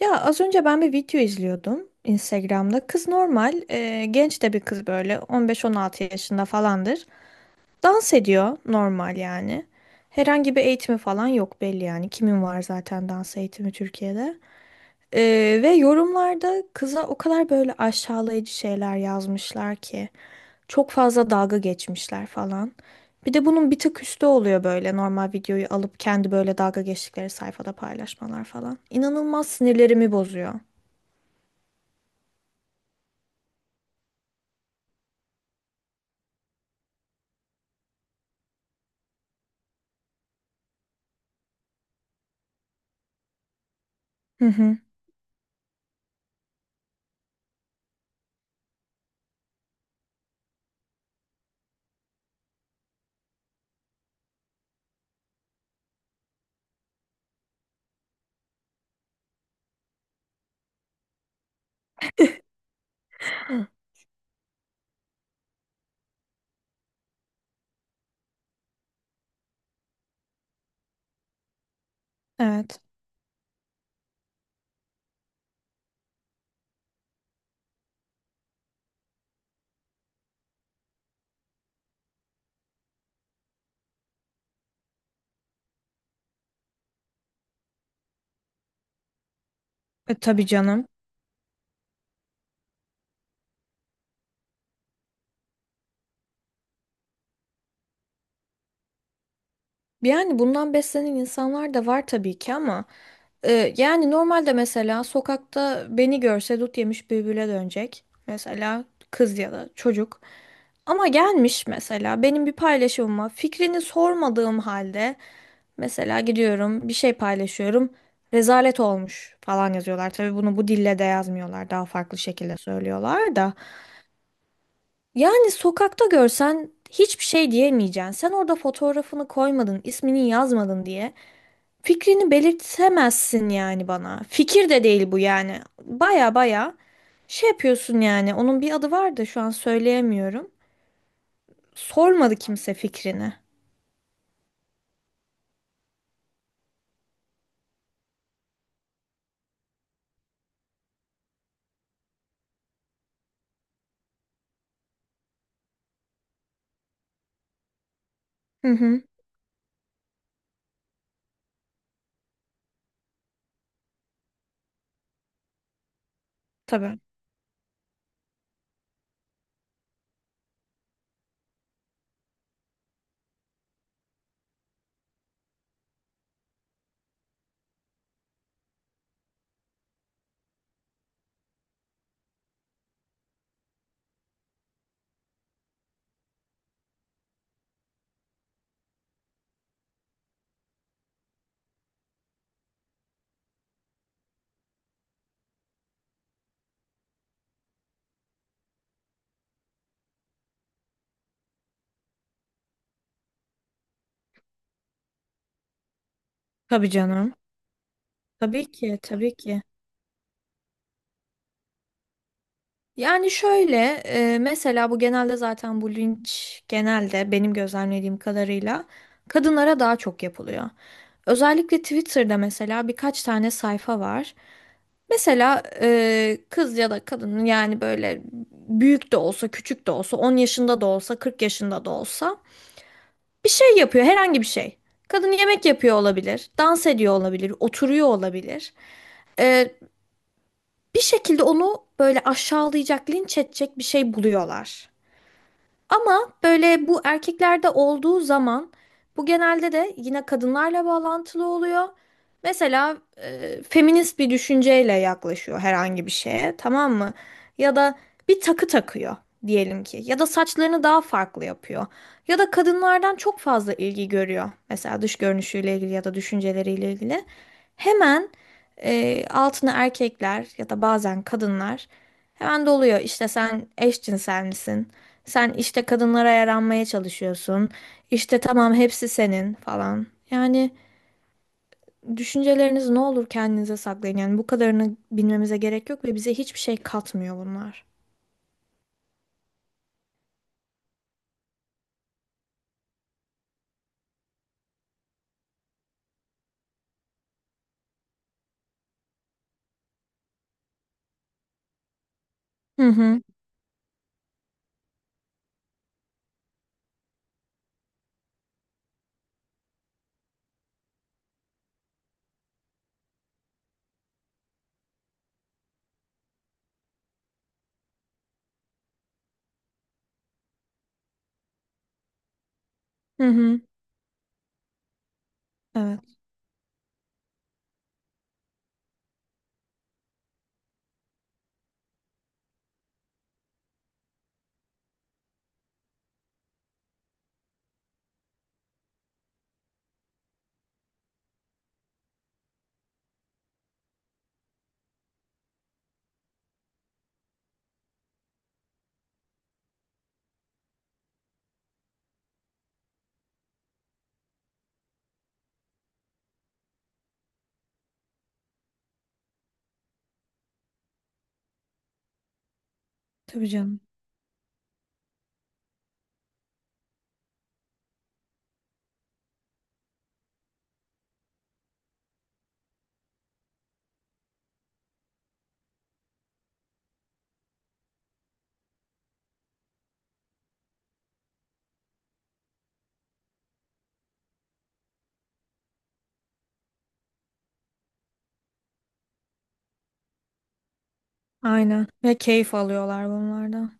Ya az önce ben bir video izliyordum Instagram'da. Kız normal, genç de bir kız böyle 15-16 yaşında falandır. Dans ediyor normal yani. Herhangi bir eğitimi falan yok belli yani. Kimin var zaten dans eğitimi Türkiye'de? E, ve yorumlarda kıza o kadar böyle aşağılayıcı şeyler yazmışlar ki. Çok fazla dalga geçmişler falan. Bir de bunun bir tık üstü oluyor böyle normal videoyu alıp kendi böyle dalga geçtikleri sayfada paylaşmalar falan. İnanılmaz sinirlerimi bozuyor. Hı hı. Hı. Evet. Tabii canım. Yani bundan beslenen insanlar da var tabii ki ama yani normalde mesela sokakta beni görse dut yemiş bülbüle dönecek. Mesela kız ya da çocuk. Ama gelmiş mesela benim bir paylaşımıma fikrini sormadığım halde mesela gidiyorum bir şey paylaşıyorum. Rezalet olmuş falan yazıyorlar. Tabii bunu bu dille de yazmıyorlar. Daha farklı şekilde söylüyorlar da. Yani sokakta görsen hiçbir şey diyemeyeceksin. Sen orada fotoğrafını koymadın, ismini yazmadın diye fikrini belirtemezsin yani bana. Fikir de değil bu yani. Baya baya şey yapıyorsun yani. Onun bir adı var da şu an söyleyemiyorum. Sormadı kimse fikrini. Hı hı. Tabii. Tabii canım. Tabii ki, tabii ki. Yani şöyle mesela bu genelde zaten bu linç genelde benim gözlemlediğim kadarıyla kadınlara daha çok yapılıyor. Özellikle Twitter'da mesela birkaç tane sayfa var. Mesela kız ya da kadın yani böyle büyük de olsa küçük de olsa 10 yaşında da olsa 40 yaşında da olsa bir şey yapıyor herhangi bir şey. Kadın yemek yapıyor olabilir, dans ediyor olabilir, oturuyor olabilir. E, bir şekilde onu böyle aşağılayacak, linç edecek bir şey buluyorlar. Ama böyle bu erkeklerde olduğu zaman bu genelde de yine kadınlarla bağlantılı oluyor. Mesela feminist bir düşünceyle yaklaşıyor herhangi bir şeye, tamam mı? Ya da bir takı takıyor diyelim ki ya da saçlarını daha farklı yapıyor. Ya da kadınlardan çok fazla ilgi görüyor. Mesela dış görünüşüyle ilgili ya da düşünceleriyle ilgili. Hemen altına erkekler ya da bazen kadınlar hemen doluyor. İşte sen eşcinsel misin? Sen işte kadınlara yaranmaya çalışıyorsun. İşte tamam hepsi senin falan. Yani düşünceleriniz ne olur kendinize saklayın. Yani bu kadarını bilmemize gerek yok ve bize hiçbir şey katmıyor bunlar. Hı hı. Hı hı. Evet. Tabii canım. Aynen. Ve keyif alıyorlar bunlardan.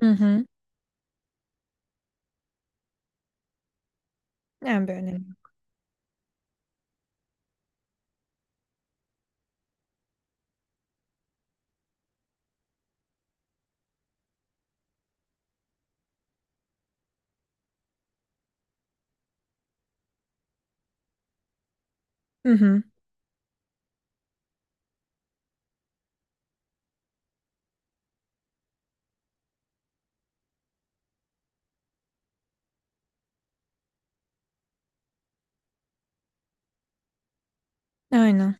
Hı hı. En bir önemi. Hı hı. Aynen.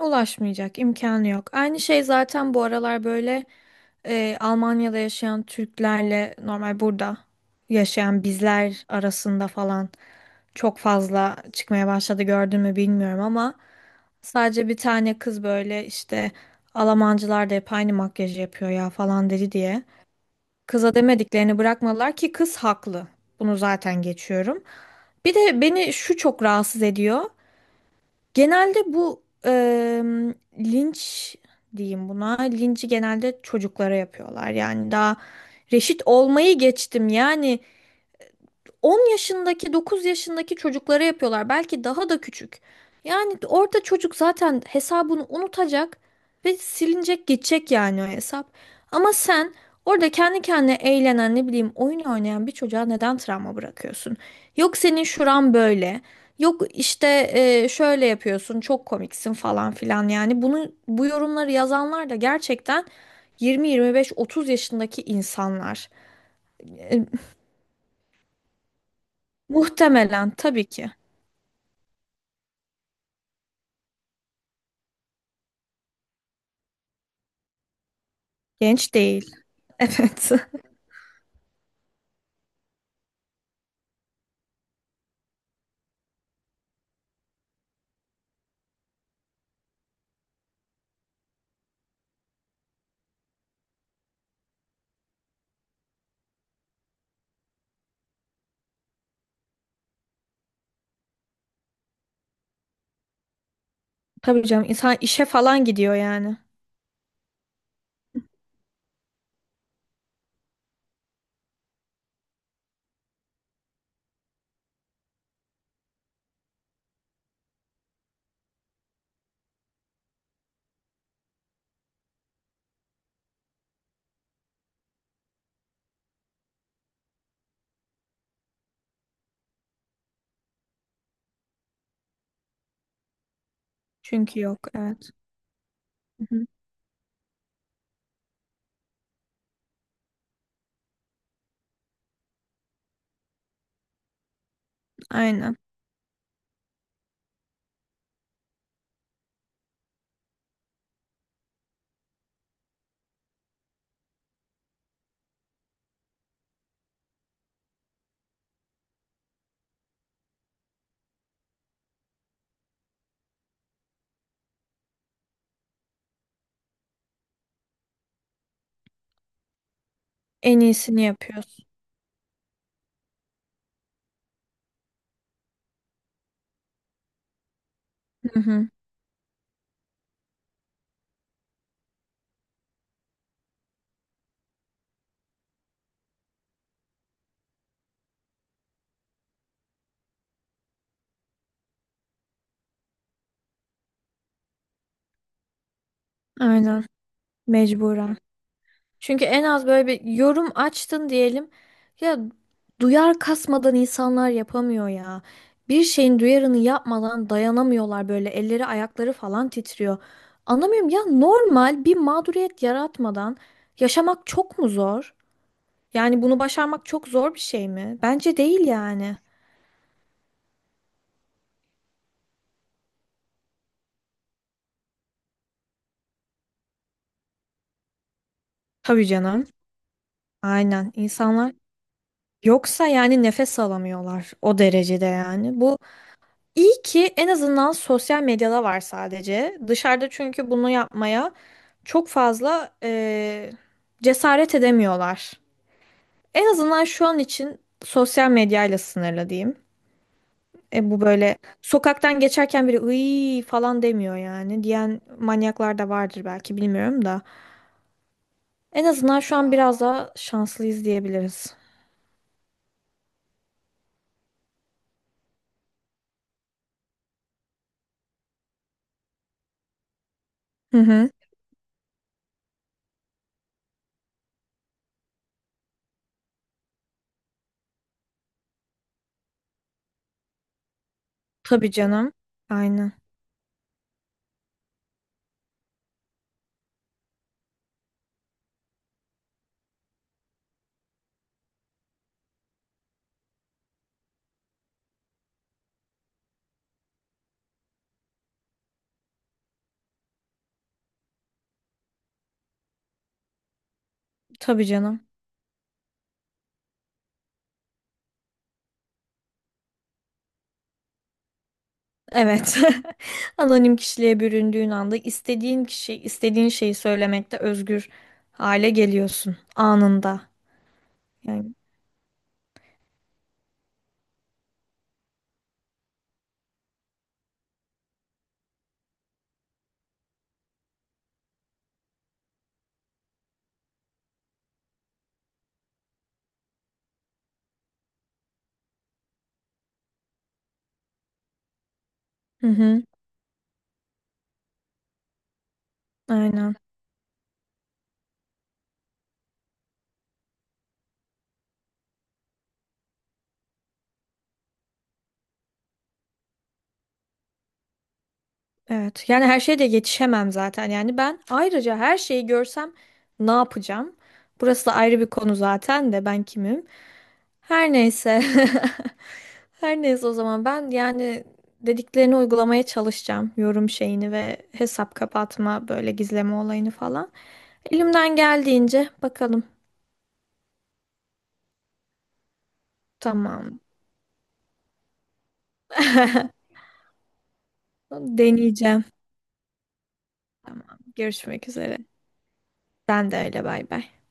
Ulaşmayacak imkanı yok. Aynı şey zaten bu aralar böyle Almanya'da yaşayan Türklerle normal burada yaşayan bizler arasında falan çok fazla çıkmaya başladı gördün mü bilmiyorum ama sadece bir tane kız böyle işte Almancılar da hep aynı makyajı yapıyor ya falan dedi diye. Kıza demediklerini bırakmadılar ki kız haklı. Bunu zaten geçiyorum. Bir de beni şu çok rahatsız ediyor. Genelde bu linç diyeyim buna. Linci genelde çocuklara yapıyorlar. Yani daha reşit olmayı geçtim. Yani 10 yaşındaki, 9 yaşındaki çocuklara yapıyorlar. Belki daha da küçük. Yani orada çocuk zaten hesabını unutacak ve silinecek, geçecek yani o hesap. Ama sen orada kendi kendine eğlenen, ne bileyim, oyun oynayan bir çocuğa neden travma bırakıyorsun? Yok senin şuran böyle. Yok işte şöyle yapıyorsun, çok komiksin falan filan. Yani bunu bu yorumları yazanlar da gerçekten 20, 25, 30 yaşındaki insanlar. E, muhtemelen tabii ki. Genç değil. Evet. Tabii canım insan işe falan gidiyor yani. Çünkü yok evet. Hı hı. Aynen. En iyisini yapıyorsun. Hı hı. Aynen. Mecburen. Çünkü en az böyle bir yorum açtın diyelim. Ya duyar kasmadan insanlar yapamıyor ya. Bir şeyin duyarını yapmadan dayanamıyorlar böyle elleri ayakları falan titriyor. Anlamıyorum ya normal bir mağduriyet yaratmadan yaşamak çok mu zor? Yani bunu başarmak çok zor bir şey mi? Bence değil yani. Tabii canım. Aynen. İnsanlar yoksa yani nefes alamıyorlar o derecede yani. Bu iyi ki en azından sosyal medyada var sadece. Dışarıda çünkü bunu yapmaya çok fazla cesaret edemiyorlar. En azından şu an için sosyal medyayla sınırlı diyeyim. Bu böyle sokaktan geçerken biri ıy falan demiyor yani. Diyen manyaklar da vardır belki bilmiyorum da. En azından şu an biraz daha şanslıyız diyebiliriz. Hı hı. Tabii canım. Aynen. Tabii canım. Evet. Anonim kişiliğe büründüğün anda istediğin kişi, istediğin şeyi söylemekte özgür hale geliyorsun anında. Yani. Hı hı. Aynen. Evet. Yani her şeye de yetişemem zaten. Yani ben ayrıca her şeyi görsem ne yapacağım? Burası da ayrı bir konu zaten de ben kimim? Her neyse. Her neyse o zaman ben yani dediklerini uygulamaya çalışacağım. Yorum şeyini ve hesap kapatma böyle gizleme olayını falan. Elimden geldiğince bakalım. Tamam. Deneyeceğim. Tamam. Görüşmek üzere. Sen de öyle bay bay.